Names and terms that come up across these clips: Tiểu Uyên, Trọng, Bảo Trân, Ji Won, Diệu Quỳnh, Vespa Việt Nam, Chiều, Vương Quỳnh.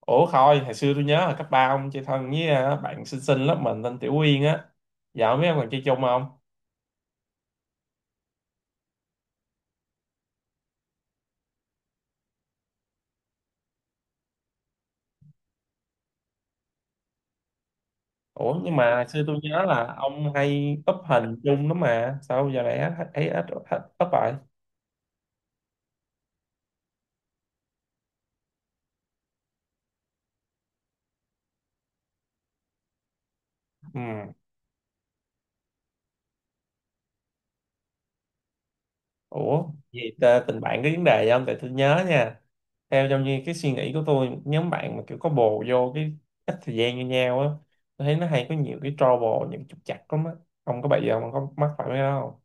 Ủa thôi, hồi xưa tôi nhớ là cấp 3 ông chơi thân với bạn xinh xinh lớp mình tên Tiểu Uyên á. Dạo mấy ông còn chơi chung không? Ủa nhưng mà hồi xưa tôi nhớ là ông hay up hình chung lắm mà. Sao giờ này thấy ít ít up rồi? Ừ. Ủa, vậy tình bạn có vấn đề gì không? Tại tôi nhớ nha. Theo trong như cái suy nghĩ của tôi, nhóm bạn mà kiểu có bồ vô cái ít thời gian như nhau á, tôi thấy nó hay có nhiều cái trouble, những trục trặc lắm á. Ông có bị gì không? Ông có mắc phải mấy cái đó không?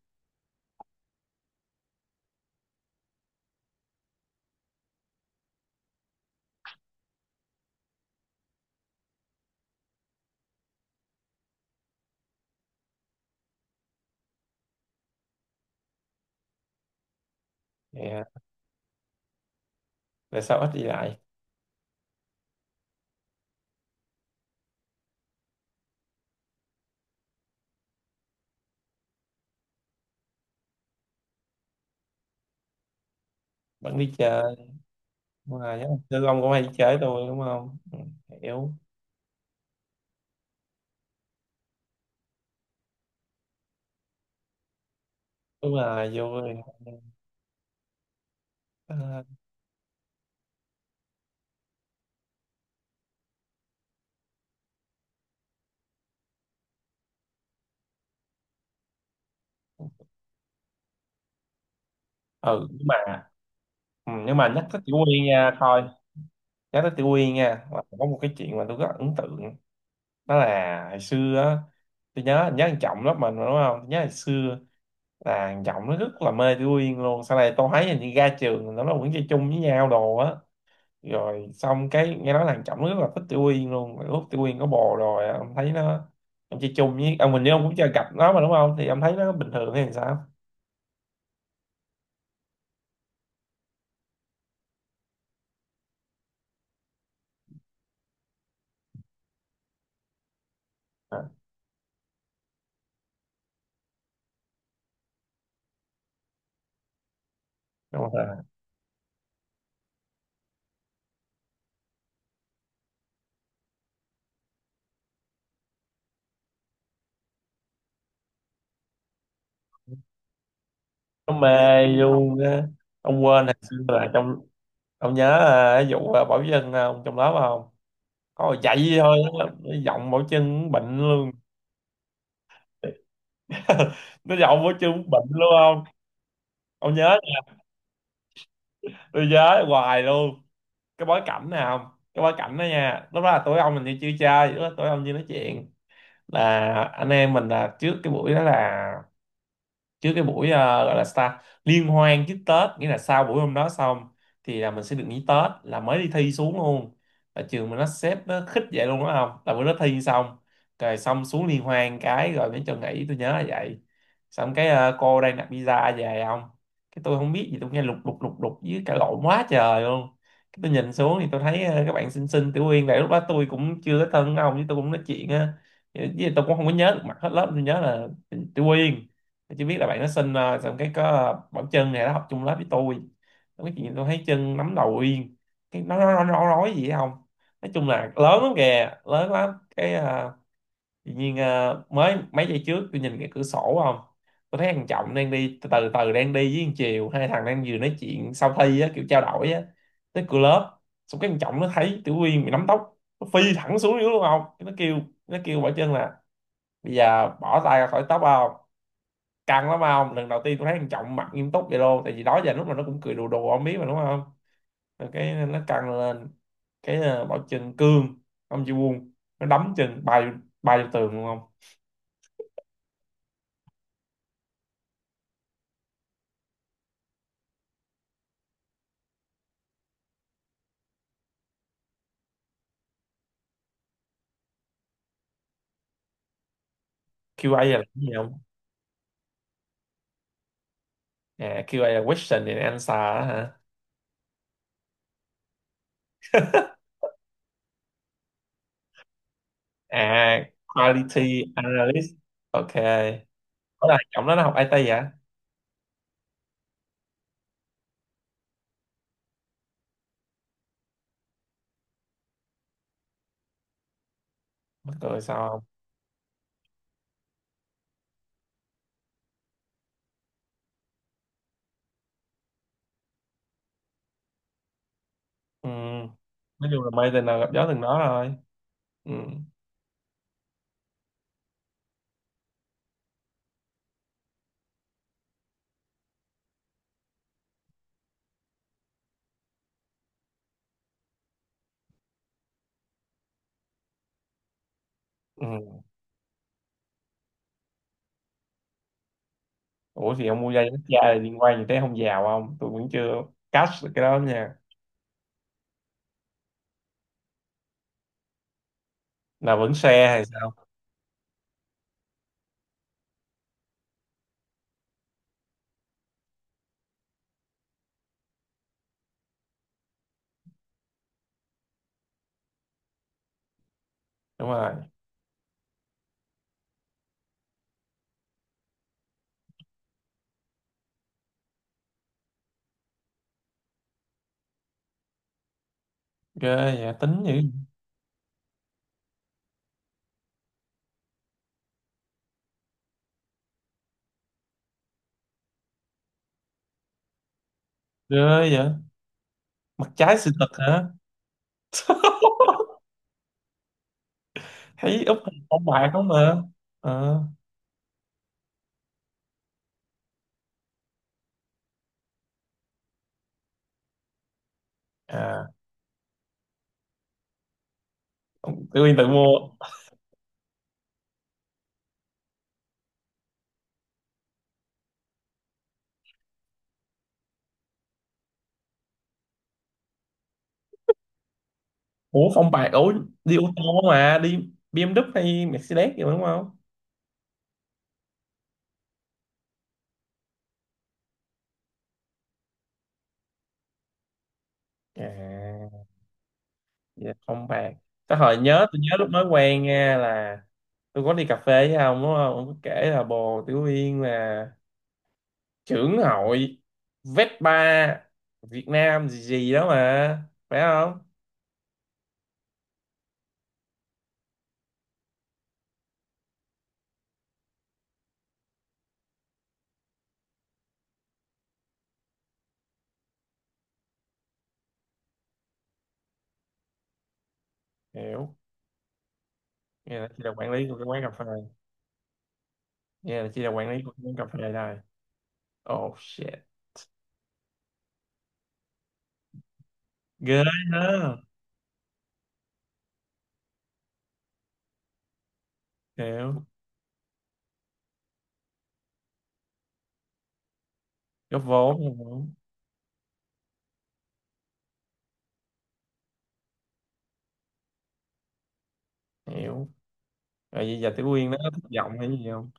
Vậy hả? Tại sao ít đi lại? Vẫn đi chơi. Đúng rồi giống sư ông cũng hay chế tôi đúng không, ừ, hiểu. Đúng là vui. Ờ, ờ, ừ, nhưng mà ừ, nhưng mà nhắc tới Tiểu Quyên nha thôi, nhắc tới Tiểu Quyên nha là có một cái chuyện mà tôi rất là ấn tượng. Đó là hồi xưa á, tôi nhớ nhớ thằng Trọng lớp mình mà, đúng không, nhớ hồi xưa là thằng Trọng nó rất là mê Tiểu Quyên luôn. Sau này tôi thấy hình như ra trường nó vẫn chơi chung với nhau đồ á, rồi xong cái nghe nói thằng Trọng rất là thích Tiểu Uyên luôn, mà lúc Tiểu Uyên có bồ rồi ông thấy nó, ông chơi chung với ông mình nếu ông cũng chưa gặp nó mà đúng không, thì ông thấy nó bình thường hay sao? À, đúng rồi. Nó mê luôn á. Ông quên hồi xưa là trong, ông nhớ à, cái vụ à, Bảo Trân à, ông trong lớp không, có mà chạy vậy thôi á, nó giọng Bảo Trân cũng bệnh luôn. Nó giọng Bảo Trân cũng bệnh luôn không? Ông nhớ, tôi nhớ hoài luôn. Cái bối cảnh nào không, cái bối cảnh đó nha, lúc đó là tụi ông mình đi chưa chơi, lúc đó tụi ông đi nói chuyện là anh em mình là trước cái buổi đó, là trước cái buổi gọi là start liên hoan trước Tết, nghĩa là sau buổi hôm đó xong thì là mình sẽ được nghỉ Tết, là mới đi thi xuống luôn ở trường mình, nó xếp nó khích vậy luôn đó. Không là bữa đó thi xong rồi xong xuống liên hoan cái rồi mới cho nghỉ, tôi nhớ là vậy. Xong cái cô đang đặt pizza về không, cái tôi không biết gì, tôi nghe lục lục lục lục với cả lộn quá trời luôn. Cái tôi nhìn xuống thì tôi thấy các bạn xinh xinh Tiểu Uyên vậy, lúc đó tôi cũng chưa có thân với ông, với tôi cũng nói chuyện á, với lại tôi cũng không có nhớ được mặt hết lớp, tôi nhớ là Tiểu Uyên, tôi chỉ biết là bạn nó xin xong cái có Bảo Trân này nó học chung lớp với tôi. Xong cái chuyện tôi thấy Trân nắm đầu Uyên, cái nó nói gì ấy không, nói chung là lớn lắm kìa, lớn lắm. Cái tự nhiên mới mấy giây trước tôi nhìn cái cửa sổ không, tôi thấy thằng Trọng đang đi từ từ từ đang đi với thằng Chiều, hai thằng đang vừa nói chuyện sau thi á, kiểu trao đổi á, tới cửa lớp. Xong cái thằng Trọng nó thấy Tiểu Uyên bị nắm tóc, nó phi thẳng xuống dưới luôn không, cái nó kêu, nó kêu Bảo Trân là bây giờ bỏ tay ra khỏi tóc không, căng lắm không, lần đầu tiên tôi thấy thằng Trọng mặt nghiêm túc vậy luôn, tại vì đó giờ lúc mà nó cũng cười đùa đùa ông biết mà đúng không. Rồi cái nó căng lên, cái Bảo chân cương, ông Ji Won, nó đấm chân bay, bay vô tường luôn không. QA là cái gì không? À, QA là question and answer á hả? À, quality analyst. OK. Có là Trọng đó nó học IT vậy? Mắc cười sao không? Ừ. Nói chung là mê tình nào gặp gió từng đó rồi. Ừ. Ừ. Ủa thì ông mua dây quốc gia là liên quan gì tới không giàu không, tôi vẫn chưa catch được cái đó nha. Là vẫn xe hay sao? Đúng rồi. Ghê vậy, tính dữ. Ghê vậy. Mặt trái sự thật hả? Thấy úp hình phong bạc không mà. Ờ. À, tự nhiên tự mua. Ủa phong bạc. Ủa đi ô tô mà đi BMW hay Mercedes gì mà đúng không? À dạ, phong bạc. Cái hồi nhớ, tôi nhớ lúc mới quen nha là tôi có đi cà phê với ông đúng không, ông có kể là bồ Tiểu Uyên là trưởng hội Vespa Việt Nam gì gì đó mà phải không? Hiểu. Nghe là chị là quản lý của cái quán cà phê. Nghe là chị là quản lý của cái quán cà phê đây. Oh shit. Ghê. Ha. Hiểu. Góp vốn, góp vốn. Hiểu. Rồi bây giờ Tiểu Uyên nó có thất vọng hay gì không?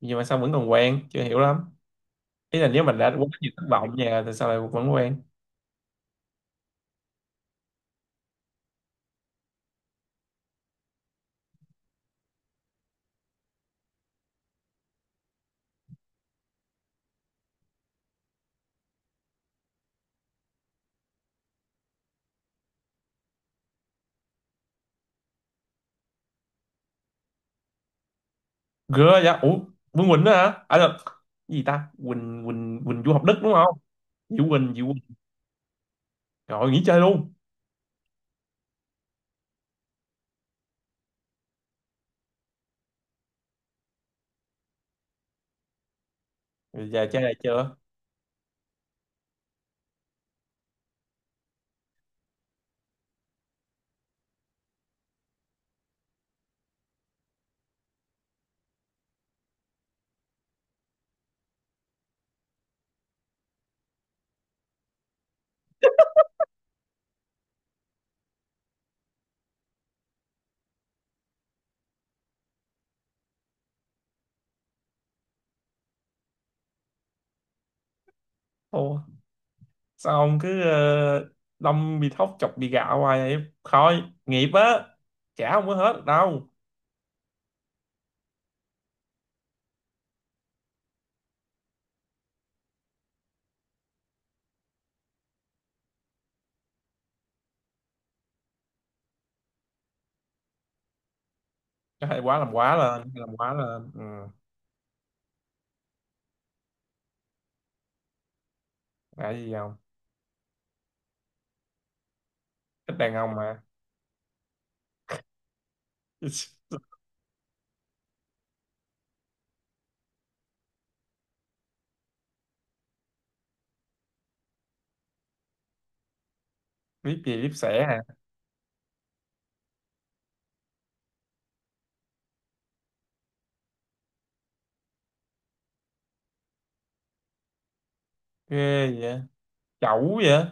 Nhưng mà sao vẫn còn quen, chưa hiểu lắm, ý là nếu mình đã quá nhiều thất vọng nhà thì sao lại vẫn quen. Ghê vậy ủa. Vương Quỳnh đó hả, à được, cái gì ta, Quỳnh Quỳnh Quỳnh du học Đức đúng không? Diệu Quỳnh, Diệu Quỳnh. Rồi nghỉ chơi luôn. Bây giờ chơi lại chưa? Ô, sao ông cứ đâm bị thóc chọc bị gạo hoài vậy? Thôi, nghiệp á. Chả không có hết được đâu. Hay quá, làm quá lên, làm quá lên. Ừ, là gì không? Thích đàn ông mà. Biết gì biết sẻ hả? Ghê vậy? Chẩu vậy?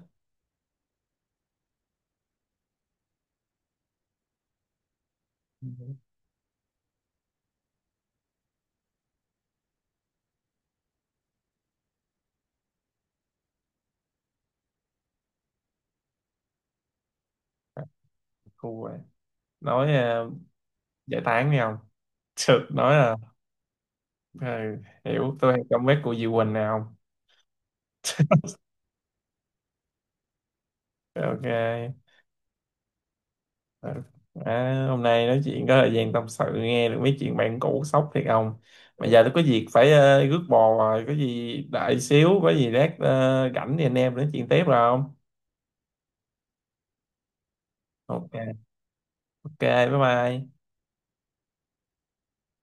Ừ, khu vậy. Nói, uh, giải tán đi không? Thực nói là ừ, hiểu tôi hay comment của Diệu Quỳnh nào không? OK. Ờ. À, hôm nay nói chuyện có thời gian tâm sự nghe được mấy chuyện bạn cũ, sốc thiệt không, mà giờ tôi có việc phải rước bò rồi, có gì đợi xíu, có gì lát rảnh thì anh em nói chuyện tiếp rồi không? OK. OK, bye bye.